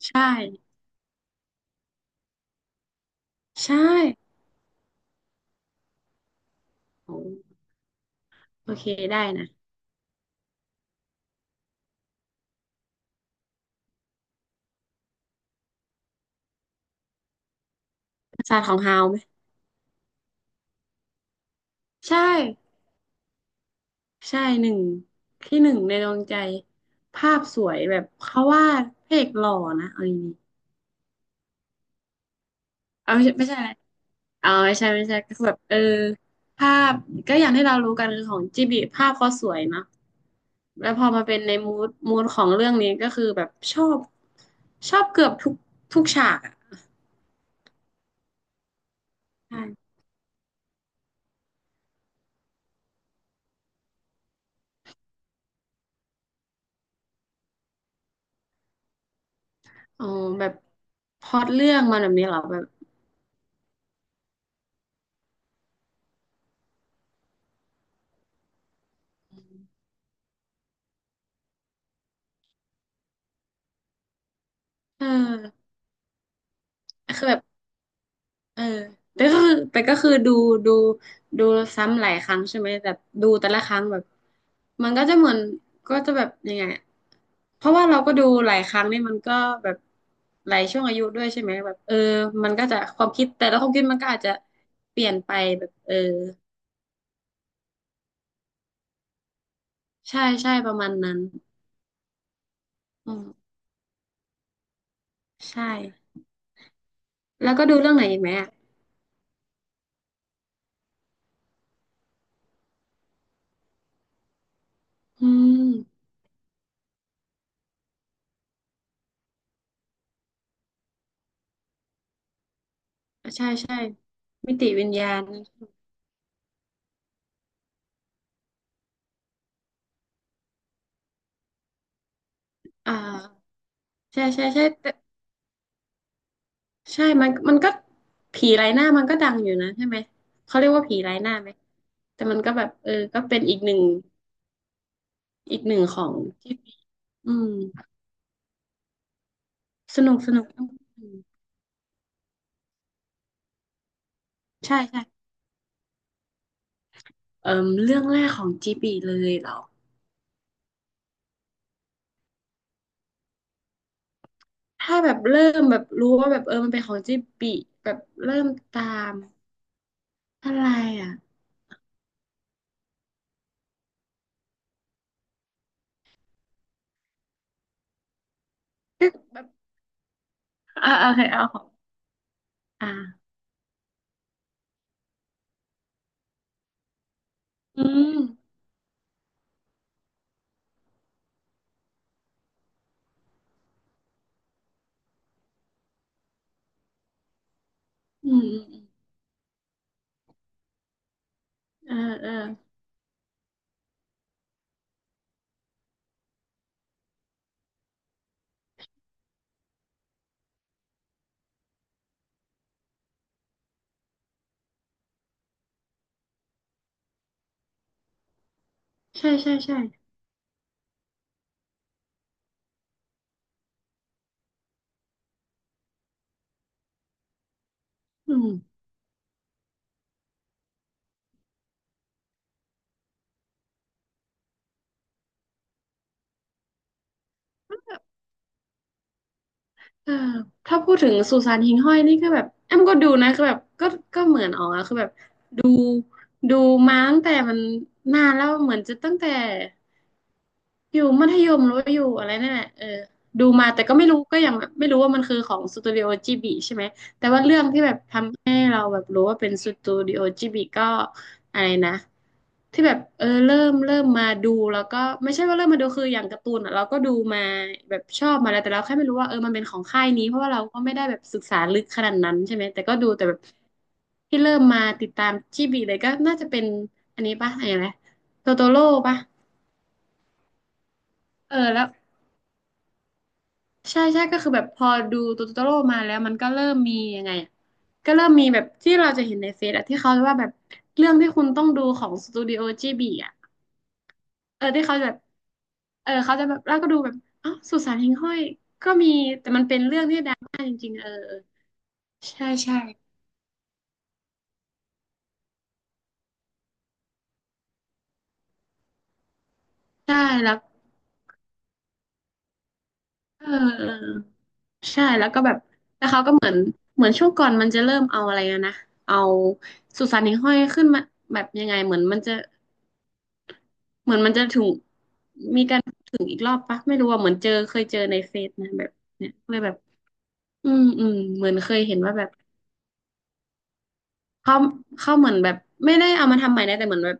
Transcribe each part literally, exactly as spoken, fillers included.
ใช่ใช่โอ้โอเคได้นะปราสาทของฮาวไหมใช่ใช่หนึ่งที่หนึ่งในดวงใจภาพสวยแบบเขาวาดพระเอกหล่อนะเอาดีๆเอาไม่ใช่ไม่ใช่อะไรเอาไม่ใช่ไม่ใช่ก็คือแบบเออภาพก็อย่างที่เรารู้กันคือของจิบลิภาพเขาสวยเนอะแล้วพอมาเป็นในมูดมูดของเรื่องนี้ก็คือแบบชอบชอบเกือบทุกทุกฉากอ่ะใช่อ๋อแบบพล็อตเรื่องมันแบบนี้เหรอแบบเออคือแบบ เออแต่ก็คือแต่ก็คือดูดูดูซ้ำหลายครั้งใช่ไหมแต่ดูแต่ละครั้งแบบมันก็จะเหมือนก็จะแบบยังไงอะเพราะว่าเราก็ดูหลายครั้งนี่มันก็แบบหลายช่วงอายุด้วยใช่ไหมแบบเออมันก็จะความคิดแต่ละความคิดมันก็อาจจะเปลี่ยนไปแบบเออใช่ใช่ประมาณนั้นอืมใช่แล้วก็ดูเรื่องไหนอีกไหมอ่ะอืมใช่ใช่มิติวิญญาณอ่าใช่ใช่ใช่ ใช่มันมันก็ผีไร้หน้ามันก็ดังอยู่นะใช่ไหมเขาเรียกว่าผีไร้หน้าไหมแต่มันก็แบบเออก็เป็นอีกหนึ่งอีกหนึ่งของที่อืมสนุกสนุกอืมใช่ใช่เออเรื่องแรกของจีบีเลยเหรอถ้าแบบเริ่มแบบรู้ว่าแบบเออมันเป็นของจีบีแบบเริ่มตามอะไรอ่ะก็แบบอ่าโอเคเอาของอ่าอืมอืมอืมอืมเออเออใช่ใช่ใช่อืม เออถ้าพูดถึงสุสานหิ่งห้อยนี่ก็แบบแอมก็ดูนะคือแบบก็ก็เหมือนอ๋อคือแบบดูมาตั้งแต่มันนานแล้วเหมือนจะตั้งแต่ อยู่มัธยมหรือว่าอยู่อะไรนั่นแหละเออดูมาแต่ก็ไม่รู้ก็ยังแบบไม่รู้ว่ามันคือของสตูดิโอจิบิใช่ไหมแต่ว่าเรื่องที่แบบทำให้เราแบบรู้ว่าเป็นสตูดิโอจิบิก็อะไรนะที่แบบเออเริ่มเริ่มมาดูแล้วก็ไม่ใช่ว่าเริ่มมาดูคืออย่างการ์ตูนอ่ะเราก็ดูมาแบบชอบมาแล้วแต่เราแค่ไม่รู้ว่าเออมันเป็นของค่ายนี้เพราะว่าเราก็ไม่ได้แบบศึกษาลึกขนาดนั้นใช่ไหมแต่ก็ดูแต่แบบที่เริ่มมาติดตามจิบิเลยก็น่าจะเป็นอันนี้ปะอะไรนะโตโตโร่ปะเออแล้ว ใช่ใช่ก็คือแบบพอดูตูตโตโร่มาแล้วมันก็เริ่มมียังไงอะก็เริ่มมีแบบที่เราจะเห็นในเฟซอะที่เขาว่าแบบเรื่องที่คุณต้องดูของสตูดิโอจบีอะเออที่เขาแบบเออเขาจะแบบแล้วก็ดูแบบอ้าวสุสานหิ่งห้อยก็มีแต่มันเป็นเรื่องที่ดังมากจริงๆเออใช่ใช่ใช่แล้วเออเออใช่แล้วก็แบบแล้วเขาก็เหมือนเหมือนช่วงก่อนมันจะเริ่มเอาอะไรนะนะเอาสุสานหิ่งห้อยขึ้นมาแบบยังไงเหมือนมันจะ เหมือนมันจะถึงมีการถึงอีกรอบปะไม่รู้ว่าเหมือนเจอเคยเจอในเฟซนะแบบเนี่ยเลยแบบอืมอืมเหมือนเคยเห็นว่าแบบเขาเขาเหมือนแบบไม่ได้เอามาทำใหม่นะแต่เหมือนแบบ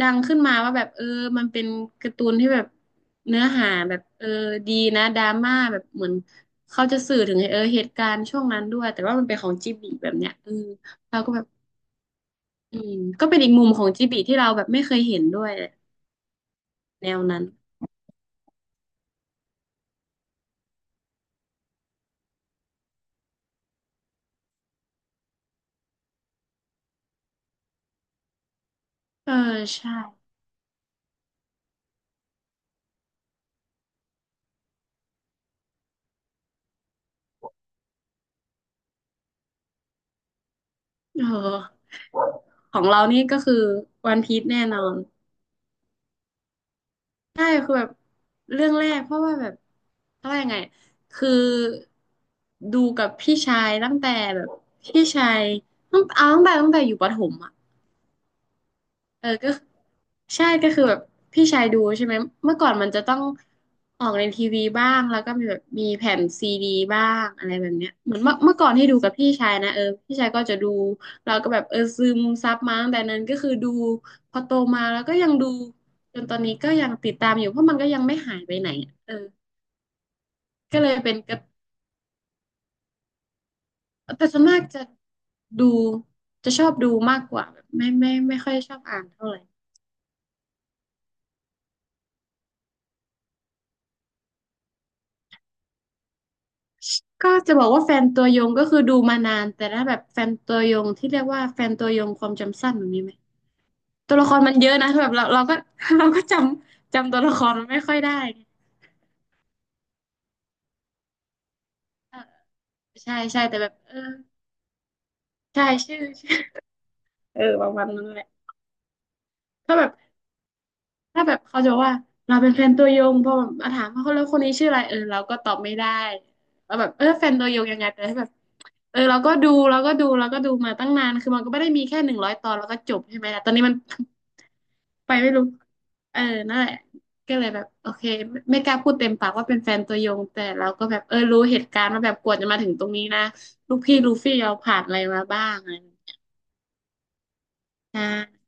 ดังขึ้นมาว่าแบบเออมันเป็นการ์ตูนที่แบบเนื้อหาแบบเออดีนะดราม่าแบบเหมือนเขาจะสื่อถึงเออเหตุการณ์ช่วงนั้นด้วยแต่ว่ามันเป็นของจิบลิแบบเนี้ยเออเราก็แบบอืมก็เป็นอีกมุมของจิบลิที่เราแบบไม่เคยเห็นด้วยแนวนั้นเออใช่เออ ของเรานี่ก็คือวันพี e แน่นอน ใช่คือแบบเรื่องแรกเพราะว่าแบบเพราะว่ายังไงคือดูกับพี่ชายตั้งแต่แบบพี่ชายตั้งเอาตั้งแต่ตั้งแต่อยู่ประถมอะ เออก็ใช่ก็คือแบบพี่ชายดูใช่ไหมเมื่อก่อนมันจะต้องออกในทีวีบ้างแล้วก็มีแบบมีแผ่นซีดีบ้างอะไรแบบเนี้ยเหมือนเมื่อเมื่อก่อนที่ดูกับพี่ชายนะเออพี่ชายก็จะดูเราก็แบบเออซึมซับมาตั้งแต่นั้นก็คือดูพอโตมาแล้วก็ยังดูจนตอนนี้ก็ยังติดตามอยู่เพราะมันก็ยังไม่หายไปไหนอะเออก็เลยเป็นกระแต่ส่วนมากจะดูจะชอบดูมากกว่าแบบไม่ไม่ไม่ค่อยชอบอ่านเท่าไหร่ ก็จะบอกว่าแฟนตัวยงก็คือดูมานานแต่ถ้าแบบแฟนตัวยงที่เรียกว่าแฟนตัวยงความจำสั้นแบบนี้ไหมตัวละครมันเยอะนะแบบเราเราก็ เราก็จำจำตัวละครมันไม่ค่อยได้ไงเออใช่ใช่แต่แบบเออใช่ชื่อชื่อ เออประมาณนั้นแหละถ้าแบบถ้าแบบเขาจะบอกว่าเราเป็นแฟนตัวยงพอแบบมาถามว่าเขาแล้วคนนี้ชื่ออะไรเออเราก็ตอบไม่ได้เราแบบเออแฟนตัวยงยังไงแต่ถ้าแบบเออเราก็ดูเราก็ดูเราก็ดูมาตั้งนานคือมันก็ไม่ได้มีแค่หนึ่งร้อยตอนแล้วก็จบใช่ไหมล่ะตอนนี้มัน ไปไม่รู้เออนั่นแหละก็เลยแบบโอเคไม่ไม่กล้าพูดเต็มปากว่าเป็นแฟนตัวยง แต่เราก็แบบเออรู้เหตุการณ์ว่าแบบกว่าจะมาถึงตรงนี้นะ ลูกพี่ลูฟี่เราผ่านอะไรมาบ้างอะไรอย่างเงี้ยอ่า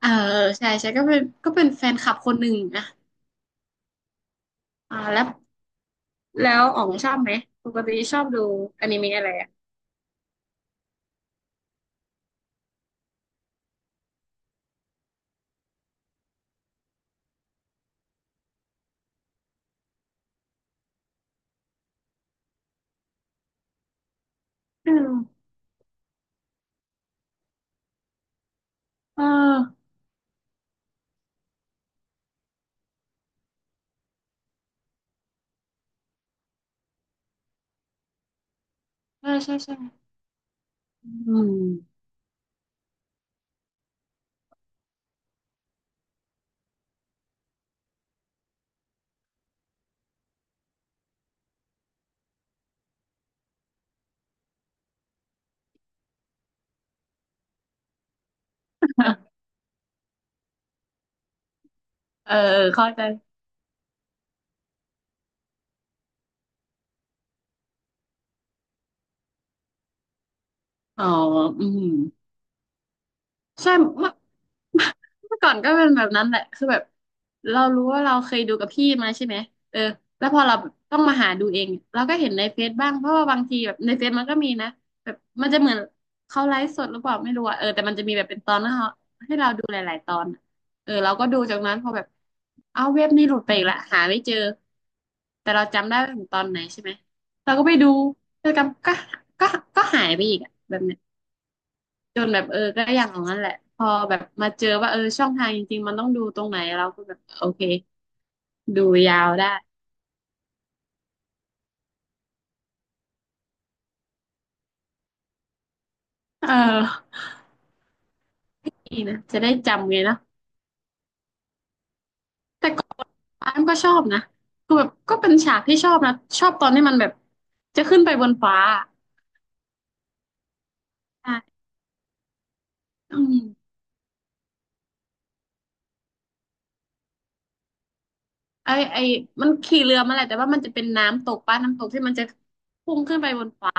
เออใช่ใช่ก็เป็นก็เป็นแฟนคลับคนหนึ่งนะอ่าแล้วแล้วอ๋องชอบไหม ปกติชอบดูอนิเมะอะไรอ่ะอืมเออใช่ใช่ใช่อืม เออเข้าใจอ๋ออืม ใช่เมื่อ เมื่อก่อนก็เป็นแบบนั้นแหละคือแบบเรารู้ว่าเราเคยดูกับพี่มาใช่ไหมเออแล้วพอเราต้องมาหาดูเองเราก็เห็นในเฟซบ้างเพราะว่าบางทีแบบในเฟซมันก็มีนะแบบมันจะเหมือนเขาไลฟ์สดหรือเปล่าไม่รู้อะเออแต่มันจะมีแบบเป็นตอนให้เราให้เราดูหลายๆตอนอะเออเราก็ดูจากนั้นพอแบบเอาเว็บนี้หลุดไปอีกละหาไม่เจอแต่เราจำได้ว่าถึงตอนไหนใช่ไหมเราก็ไปดูแล้วก็ก็ก็ก็หายไปอีกอะแบบเนี้ย จนแบบเออก็อย่างนั้นแหละพอแบบมาเจอว่าเออช่องทางจริงๆมันต้องดูตรงไหนเราก็แบบโอเคดูยาวได้เออนี่นะจะได้จำไงเนาะแต่ก่อนอ้ามก็ชอบนะคือแบบก็เป็นฉากที่ชอบนะชอบตอนที่มันแบบจะขึ้นไปบนฟ้าอ่ะอืมไอไอมันขี่เรือมาแหละแต่ว่ามันจะเป็นน้ำตกป้าน้ำตกที่มันจะพุ่งขึ้นไปบนฟ้า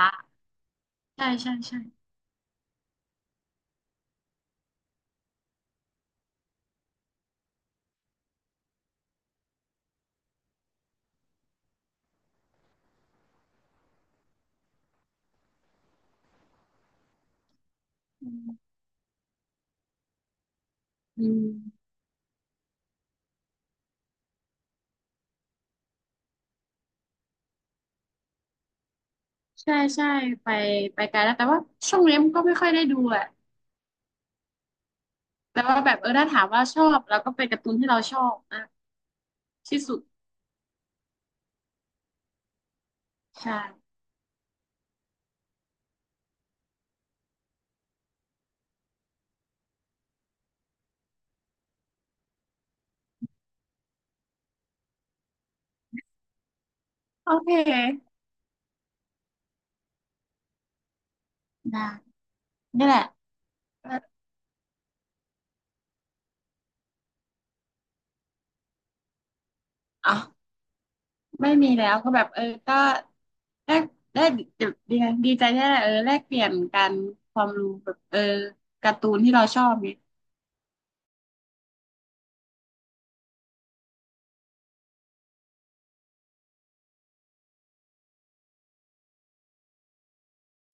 ใช่ใช่ใช่อืมอืมใช่ใช่ไปไปไกลแล้วแต่ว่าช่วงนี้มันก็ไม่ค่อยได้ดูอ่ะ แล้วก็แบบเออถ้าถามว่าชอบเราก็เป็นการ์ตูนที่เราชอบนะที่สุดใช่โอเคได้นี่แหละอ๋อไม่มีแล้วก็แบบเออก็แลกได้ดีดีดีใจที่ได้เออแลกเปลี่ยนกันความรู้แบบเออการ์ตูนที่เราชอบเนี่ย